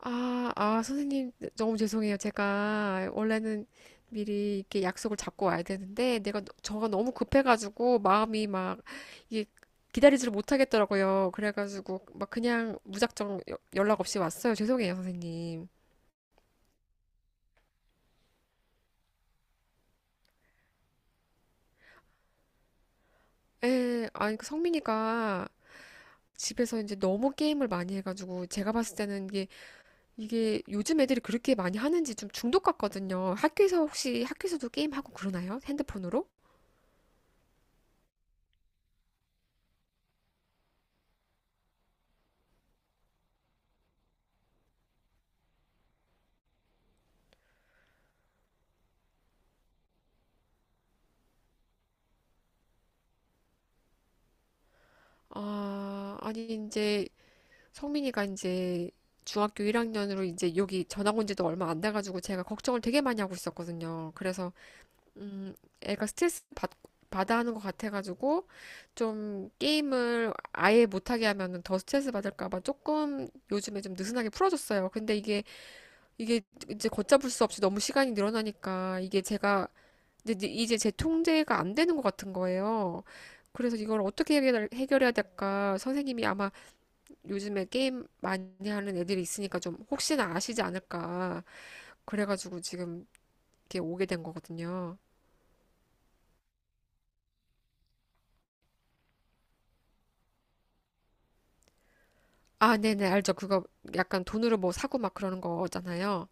아, 선생님, 너무 죄송해요. 제가 원래는 미리 이렇게 약속을 잡고 와야 되는데, 내가, 저가 너무 급해가지고, 마음이 막, 이게 기다리지를 못하겠더라고요. 그래가지고, 막 그냥 무작정 연락 없이 왔어요. 죄송해요, 선생님. 예, 아니, 그 성민이가 집에서 이제 너무 게임을 많이 해가지고, 제가 봤을 때는 이게 요즘 애들이 그렇게 많이 하는지 좀 중독 같거든요. 학교에서 혹시, 학교에서도 게임하고 그러나요? 핸드폰으로? 아, 아니, 이제 성민이가 이제 중학교 1학년으로 이제 여기 전학 온 지도 얼마 안 돼가지고 제가 걱정을 되게 많이 하고 있었거든요. 그래서, 음, 애가 스트레스 받아 하는 것 같아가지고 좀 게임을 아예 못하게 하면은 더 스트레스 받을까봐 조금 요즘에 좀 느슨하게 풀어줬어요. 근데 이게 이제 걷잡을 수 없이 너무 시간이 늘어나니까 이게 제가 이제 제 통제가 안 되는 것 같은 거예요. 그래서 이걸 어떻게 해결해야 될까? 선생님이 아마 요즘에 게임 많이 하는 애들이 있으니까 좀 혹시나 아시지 않을까. 그래가지고 지금 이렇게 오게 된 거거든요. 아, 네네, 알죠. 그거 약간 돈으로 뭐 사고 막 그러는 거잖아요.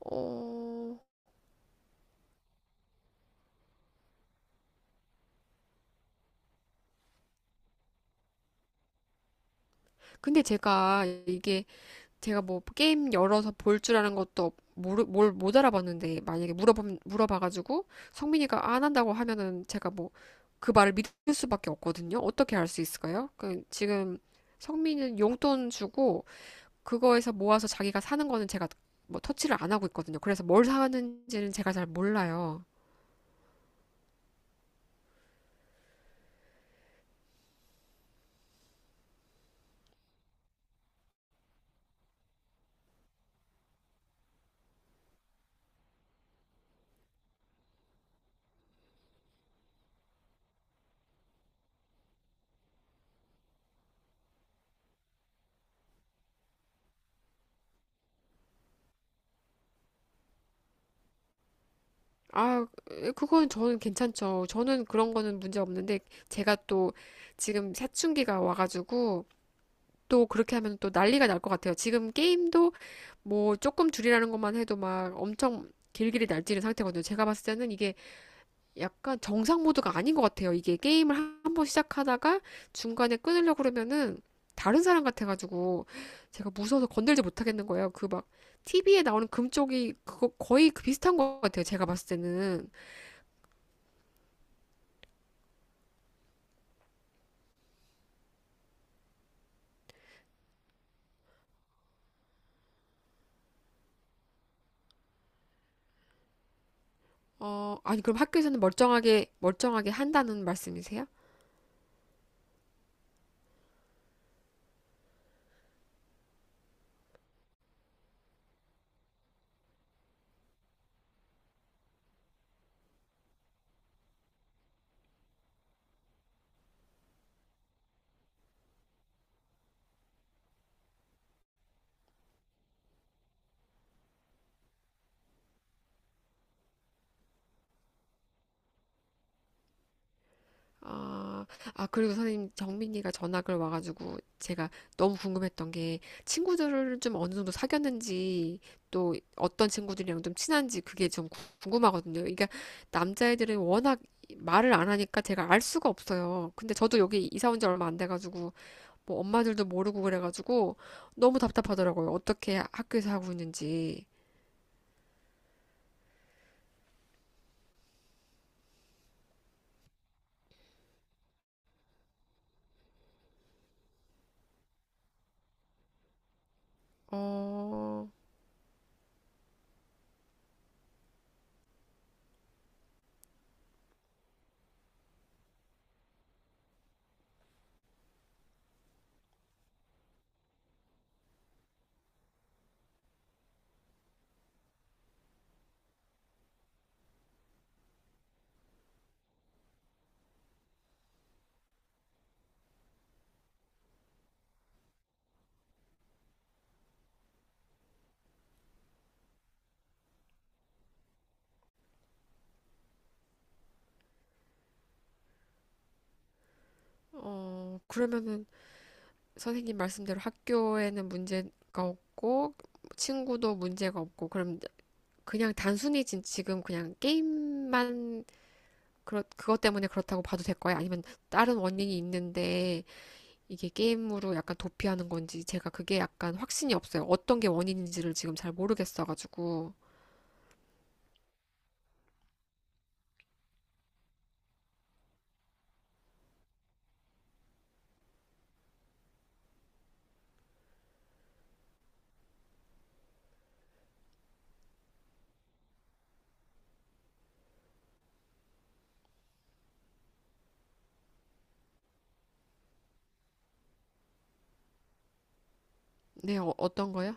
어, 근데 제가 이게 제가 뭐 게임 열어서 볼 줄 아는 것도 뭘 못 알아봤는데 만약에 물어봐가지고 성민이가 안 한다고 하면은 제가 뭐 그 말을 믿을 수밖에 없거든요. 어떻게 할 수 있을까요? 그 지금 성민이는 용돈 주고 그거에서 모아서 자기가 사는 거는 제가 뭐 터치를 안 하고 있거든요. 그래서 뭘 사는지는 제가 잘 몰라요. 아, 그건 저는 괜찮죠. 저는 그런 거는 문제 없는데 제가 또 지금 사춘기가 와가지고 또 그렇게 하면 또 난리가 날 것 같아요. 지금 게임도 뭐 조금 줄이라는 것만 해도 막 엄청 길길이 날뛰는 상태거든요. 제가 봤을 때는 이게 약간 정상 모드가 아닌 것 같아요. 이게 게임을 한번 시작하다가 중간에 끊으려고 그러면은 다른 사람 같아가지고 제가 무서워서 건들지 못하겠는 거예요. 그 막 TV에 나오는 금쪽이 그거 거의 그 비슷한 것 같아요. 제가 봤을 때는. 어, 아니, 그럼 학교에서는 멀쩡하게, 멀쩡하게 한다는 말씀이세요? 아, 아, 그리고 선생님, 정민이가 전학을 와가지고 제가 너무 궁금했던 게 친구들을 좀 어느 정도 사귀었는지 또 어떤 친구들이랑 좀 친한지 그게 좀 궁금하거든요. 그러니까 남자애들은 워낙 말을 안 하니까 제가 알 수가 없어요. 근데 저도 여기 이사 온 지 얼마 안 돼가지고 뭐 엄마들도 모르고 그래가지고 너무 답답하더라고요. 어떻게 학교에서 하고 있는지. 어, 그러면은 선생님 말씀대로 학교에는 문제가 없고 친구도 문제가 없고 그럼 그냥 단순히 지금 그냥 게임만 그것 때문에 그렇다고 봐도 될 거예요? 아니면 다른 원인이 있는데 이게 게임으로 약간 도피하는 건지 제가 그게 약간 확신이 없어요. 어떤 게 원인인지를 지금 잘 모르겠어가지고. 네, 어떤 거요?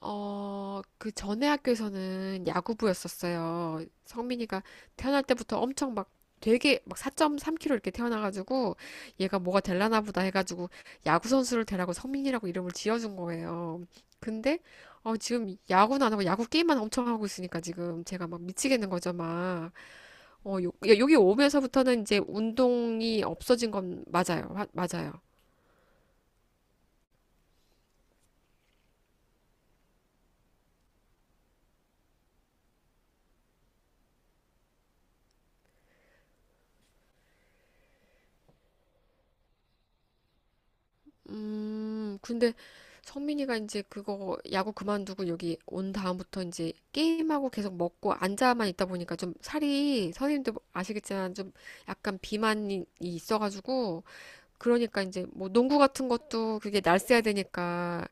그 전에 학교에서는 야구부였었어요. 성민이가 태어날 때부터 엄청 막 되게 막 4.3kg 이렇게 태어나가지고 얘가 뭐가 될라나 보다 해가지고 야구 선수를 되라고 성민이라고 이름을 지어준 거예요. 근데 지금 야구는 안 하고 야구 게임만 엄청 하고 있으니까 지금 제가 막 미치겠는 거죠, 막. 여기 오면서부터는 이제 운동이 없어진 건 맞아요. 맞아요. 근데 성민이가 이제 그거 야구 그만두고 여기 온 다음부터 이제 게임하고 계속 먹고 앉아만 있다 보니까 좀 살이 선생님도 아시겠지만 좀 약간 비만이 있어가지고 그러니까 이제 뭐 농구 같은 것도 그게 날쌔야 되니까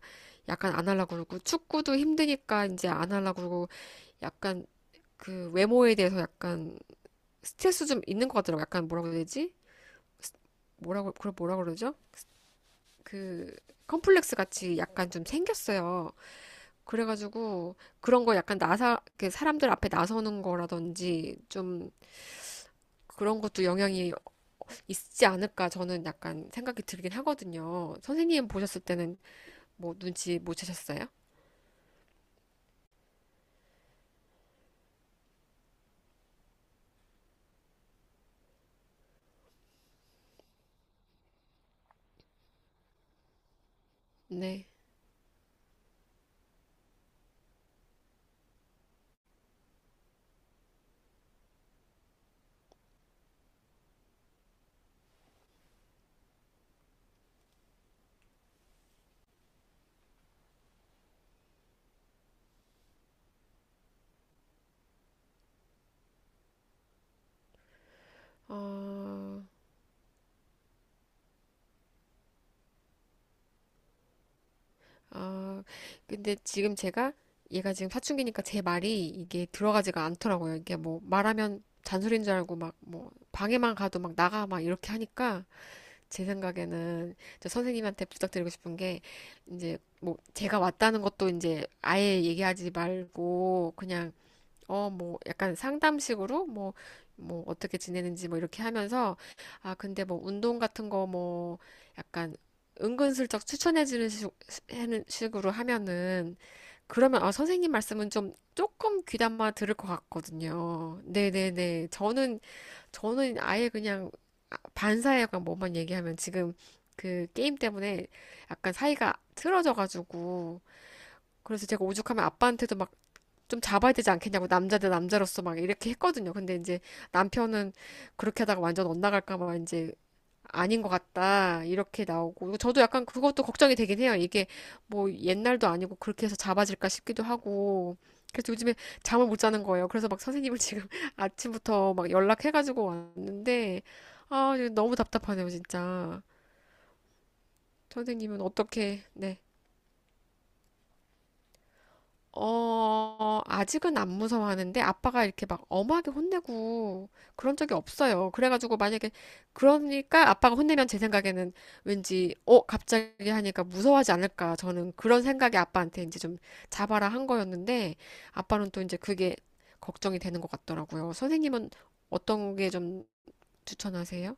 약간 안 하려고 그러고 축구도 힘드니까 이제 안 하려고 그러고 약간 그 외모에 대해서 약간 스트레스 좀 있는 것 같더라고. 약간 뭐라고 해야 되지? 뭐라고 그걸 뭐라 그러죠? 그 컴플렉스 같이 약간 좀 생겼어요. 그래가지고 그런 거 약간 나사 그 사람들 앞에 나서는 거라든지 좀 그런 것도 영향이 있지 않을까 저는 약간 생각이 들긴 하거든요. 선생님 보셨을 때는 뭐 눈치 못 채셨어요? 네. 어, 어, 근데 지금 제가 얘가 지금 사춘기니까 제 말이 이게 들어가지가 않더라고요. 이게 뭐 말하면 잔소리인 줄 알고 막 뭐 방에만 가도 막 나가 막 이렇게 하니까 제 생각에는 저 선생님한테 부탁드리고 싶은 게 이제 뭐 제가 왔다는 것도 이제 아예 얘기하지 말고 그냥 어 뭐 약간 상담식으로 뭐 뭐 어떻게 지내는지 뭐 이렇게 하면서 아 근데 뭐 운동 같은 거 뭐 약간 은근슬쩍 추천해주는 하는 식으로 하면은 그러면 아 선생님 말씀은 좀 조금 귀담아 들을 것 같거든요. 네네네. 저는 아예 그냥 반사회관 뭐만 얘기하면 지금 그 게임 때문에 약간 사이가 틀어져가지고 그래서 제가 오죽하면 아빠한테도 막 좀 잡아야 되지 않겠냐고 남자 대 남자로서 막 이렇게 했거든요. 근데 이제 남편은 그렇게 하다가 완전 엇나갈까 봐 이제 아닌 것 같다 이렇게 나오고 저도 약간 그것도 걱정이 되긴 해요. 이게 뭐 옛날도 아니고 그렇게 해서 잡아질까 싶기도 하고 그래서 요즘에 잠을 못 자는 거예요. 그래서 막 선생님을 지금 아침부터 막 연락해가지고 왔는데 아 너무 답답하네요 진짜. 선생님은 어떻게 네. 아직은 안 무서워하는데 아빠가 이렇게 막 엄하게 혼내고 그런 적이 없어요. 그래가지고 만약에 그러니까 아빠가 혼내면 제 생각에는 왠지 갑자기 하니까 무서워하지 않을까. 저는 그런 생각이 아빠한테 이제 좀 잡아라 한 거였는데 아빠는 또 이제 그게 걱정이 되는 것 같더라고요. 선생님은 어떤 게 좀 추천하세요?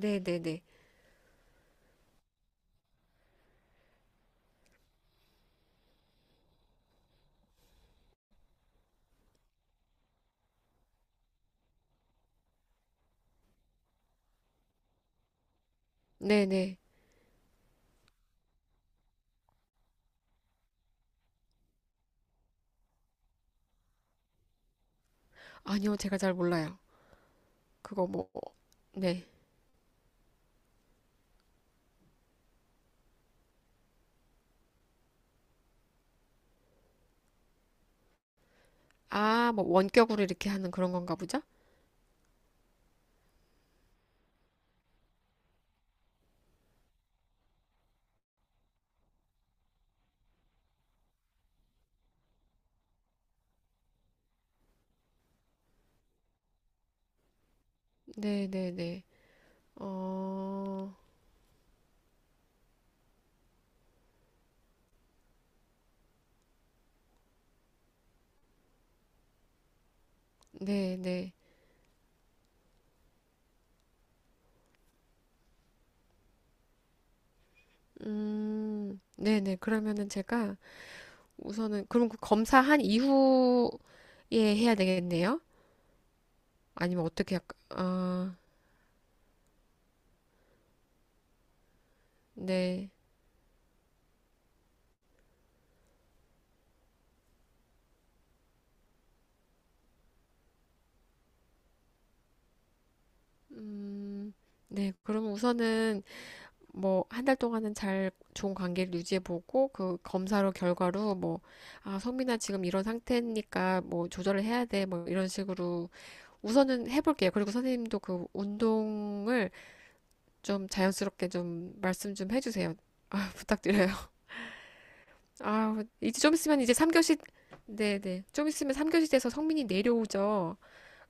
네네네. 네네. 아니요, 제가 잘 몰라요. 그거 뭐, 네. 아, 뭐 원격으로 이렇게 하는 그런 건가 보죠? 네네네. 어, 네네. 네네. 그러면은 제가 우선은, 그럼 그 검사한 이후에 해야 되겠네요? 아니면 어떻게, 할까? 아, 네. 음, 네. 그러면 우선은 뭐, 한 달 동안은 잘 좋은 관계를 유지해보고, 그 검사로 결과로 뭐, 아, 성민아 지금 이런 상태니까 뭐, 조절을 해야 돼. 뭐, 이런 식으로 우선은 해볼게요. 그리고 선생님도 그 운동을 좀 자연스럽게 좀 말씀 좀 해주세요. 아, 부탁드려요. 아, 이제 좀 있으면 이제 3교시, 네네. 좀 있으면 삼 교시 돼서 성민이 내려오죠.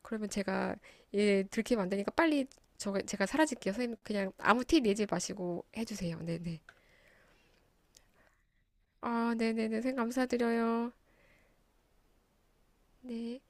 그러면 제가, 예, 들키면 안 되니까 빨리 저, 제가 사라질게요. 선생님, 그냥 아무 티 내지 마시고 해주세요. 네네. 아, 네네네. 선생님, 감사드려요. 네.